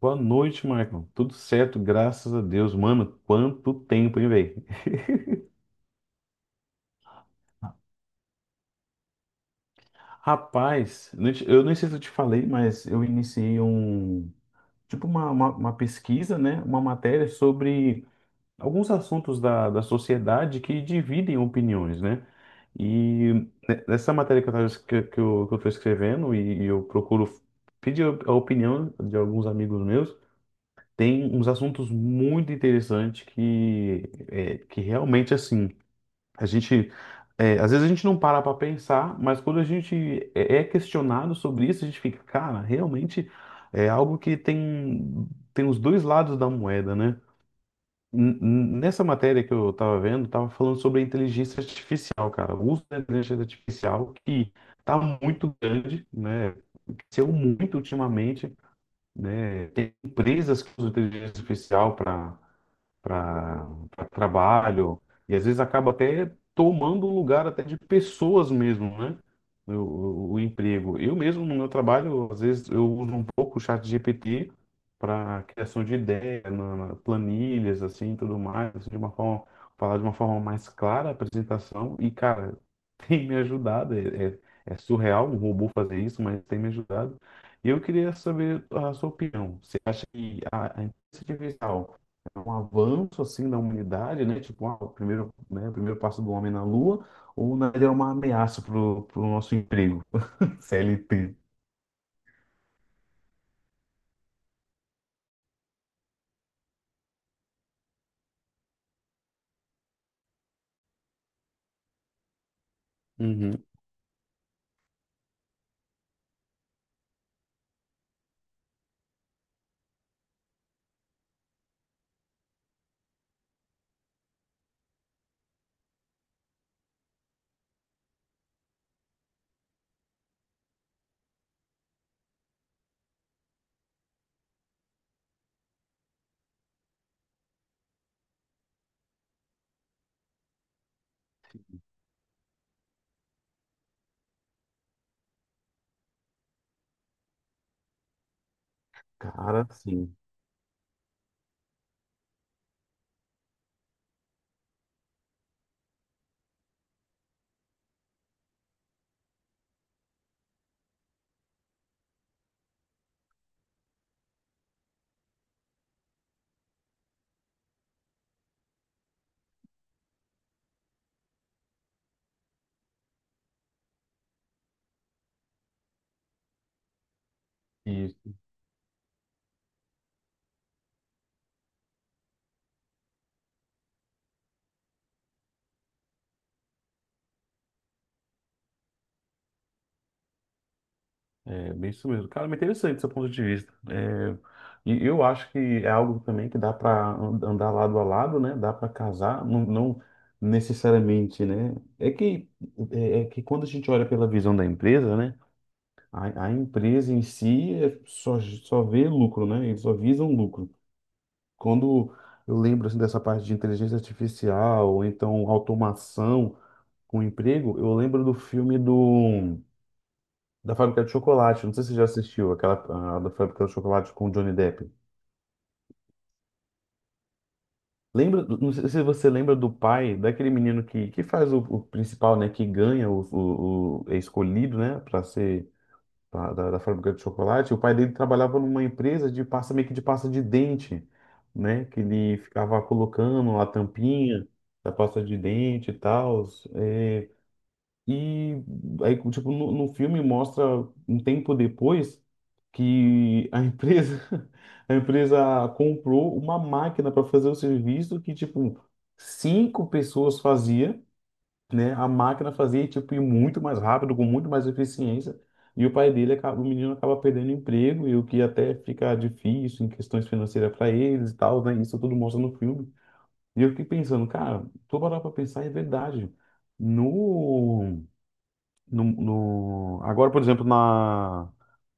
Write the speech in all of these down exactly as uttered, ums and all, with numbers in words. Boa noite, Michael. Tudo certo, graças a Deus. Mano, quanto tempo, hein, velho? Rapaz, não te- eu nem sei se eu te falei, mas eu iniciei um, tipo uma, uma, uma pesquisa, né? Uma matéria sobre alguns assuntos da, da sociedade que dividem opiniões, né? E ne- Nessa matéria que eu tava, es- que, que eu, que eu tô escrevendo e, e eu procuro pedir a opinião de alguns amigos meus. Tem uns assuntos muito interessantes que, é, que realmente, assim, a gente, é, às vezes a gente não para para pensar, mas quando a gente é é questionado sobre isso, a gente fica, cara, realmente é algo que tem, tem os dois lados da moeda, né? N- n- Nessa matéria que eu estava vendo, tava falando sobre a inteligência artificial, cara. O uso da inteligência artificial que tá muito grande, né? Cresceu muito ultimamente, né? Tem empresas que usam inteligência artificial para para trabalho, e às vezes acaba até tomando o lugar até de pessoas mesmo, né? O, o, o emprego. Eu mesmo, no meu trabalho, às vezes eu uso um pouco o chat G P T para criação de ideia, na, na- planilhas, assim, tudo mais, assim, de uma forma, falar de uma forma mais clara a apresentação, e, cara, tem me ajudado, é, é, é surreal um robô fazer isso, mas tem me ajudado. E eu queria saber a sua opinião. Você acha que a, a inteligência artificial um avanço assim da humanidade, né? Tipo, ah, o primeiro, né, o primeiro passo do homem na Lua, ou na verdade é uma ameaça pro, pro nosso emprego, C L T. Uhum. Cara, sim. E é bem isso mesmo. Cara, me interessante seu ponto de vista. É, e eu acho que é algo também que dá para andar lado a lado, né? Dá para casar, não, não necessariamente, né? É que é, é que quando a gente olha pela visão da empresa, né? A, a empresa em si é só, só vê lucro, né? Eles só visam lucro. Quando eu lembro assim, dessa parte de inteligência artificial, ou então automação com emprego, eu lembro do filme do, da Fábrica de Chocolate. Não sei se você já assistiu aquela ah, da Fábrica de Chocolate com o Johnny Depp. Lembra, do- não sei se você lembra do pai daquele menino que, que faz o, o principal, né? Que ganha o, o, o- é escolhido, né? Para ser da, da, da fábrica de chocolate. O pai dele trabalhava numa empresa de pasta, meio que de pasta de dente, né? Que ele ficava colocando a tampinha da pasta de dente e tal. É, e aí, tipo, no, no filme mostra um tempo depois que a empresa, a empresa comprou uma máquina para fazer o serviço que, tipo, cinco pessoas faziam, né? A máquina fazia tipo ir muito mais rápido, com muito mais eficiência. E o pai dele acaba, o menino acaba perdendo emprego e o que até fica difícil em questões financeiras para eles e tal, né? Isso tudo mostra no filme. E eu fiquei pensando, cara, tô parar para pensar, é verdade. No no, no- Agora, por exemplo, na,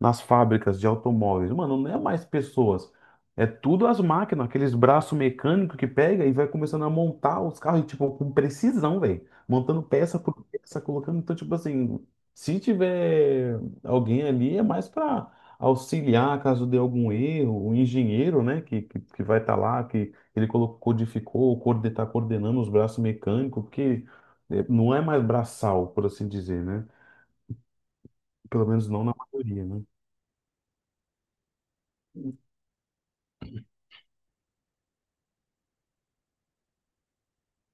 nas fábricas de automóveis, mano, não é mais pessoas, é tudo as máquinas, aqueles braços mecânicos que pega e vai começando a montar os carros, tipo, com precisão, velho, montando peça por peça, colocando, então, tipo assim, se tiver alguém ali, é mais para auxiliar caso dê algum erro, o engenheiro, né, que, que, que vai estar lá, que ele colocou, codificou, coorden- tá coordenando os braços mecânicos, porque eh, não é mais braçal, por assim dizer, né? Pelo menos não na maioria, né?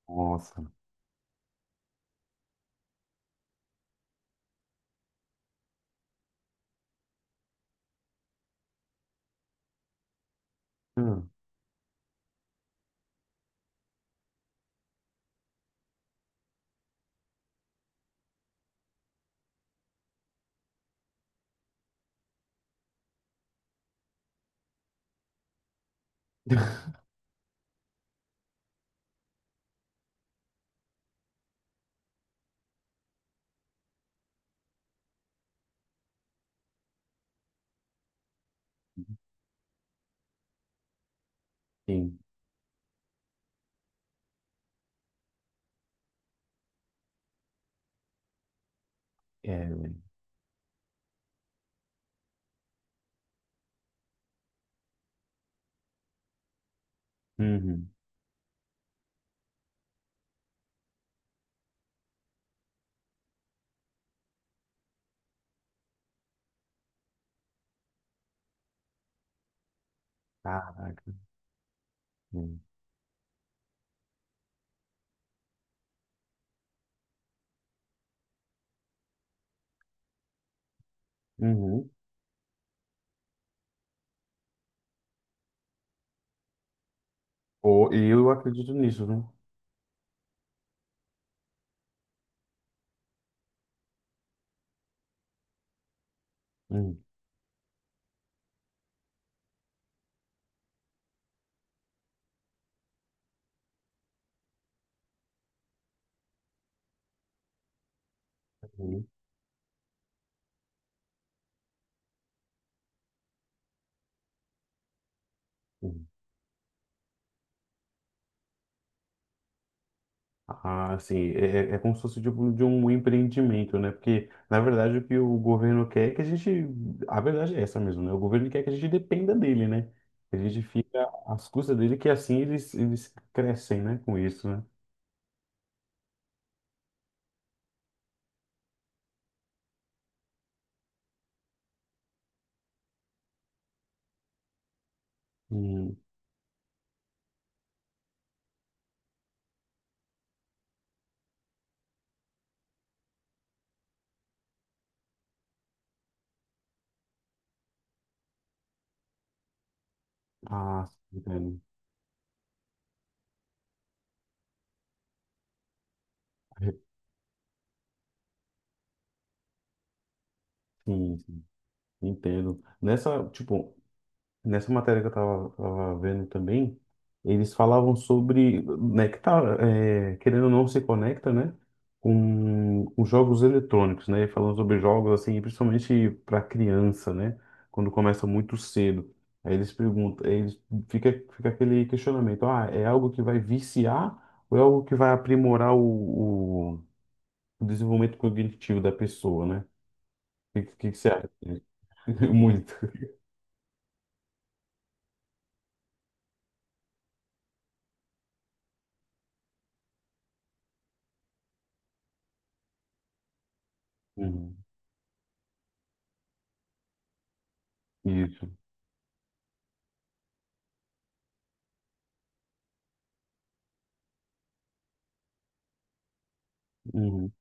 Nossa. Hum. Sim. É, velho. Uhum. Caraca. Hum. Uhum. Ou, e eu acredito nisso, né? Hum. Uhum. Uhum. Ah, sim. É, é é como se fosse tipo de um empreendimento, né? Porque, na verdade, o que o governo quer é que a gente. A verdade é essa mesmo, né? O governo quer que a gente dependa dele, né? Que a gente fica às custas dele, que assim eles, eles crescem, né? Com isso, né? Hum. Ah, sim, entendo. Sim, entendo. Nessa, tipo, nessa matéria que eu tava, tava vendo também, eles falavam sobre, né, que tá, é, querendo ou não, se conecta, né, com, com jogos eletrônicos, né, falando sobre jogos, assim, principalmente para criança, né, quando começa muito cedo. Aí eles perguntam, aí eles, fica, fica aquele questionamento, ah, é algo que vai viciar ou é algo que vai aprimorar o, o desenvolvimento cognitivo da pessoa, né? O que, que que você acha? Muito. Uhum. Isso. Uhum.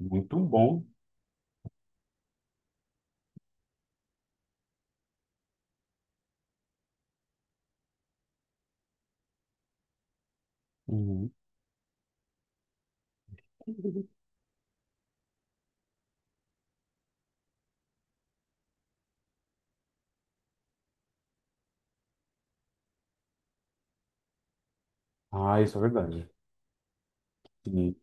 Muito bom. Uhum. Ah, isso é verdade. Sim,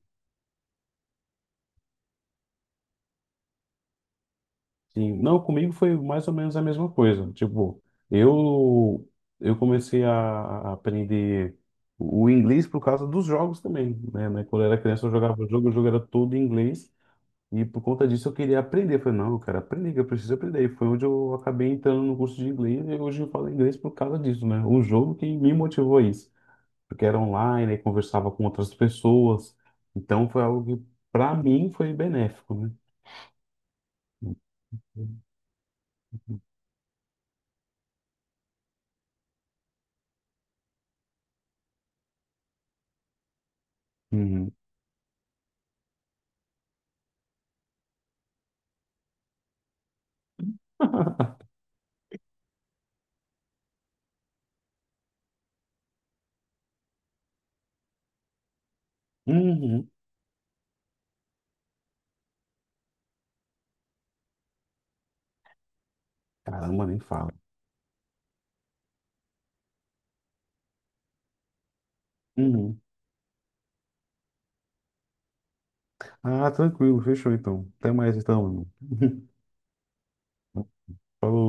sim. Não, comigo foi mais ou menos a mesma coisa. Tipo, eu eu comecei a a aprender o inglês por causa dos jogos também, né? né? Quando eu era criança eu jogava jogo, o jogo era todo em inglês e por conta disso eu queria aprender. Eu falei, não, eu quero aprender, que eu preciso aprender. E foi onde eu acabei entrando no curso de inglês e hoje eu falo inglês por causa disso, né? O jogo que me motivou a isso, porque era online, e conversava com outras pessoas. Então foi algo que, para mim, foi benéfico, né? Uhum. Uhum. Caramba, nem fala. Uhum. Ah, tranquilo, fechou então. Até mais então, irmão. Falou.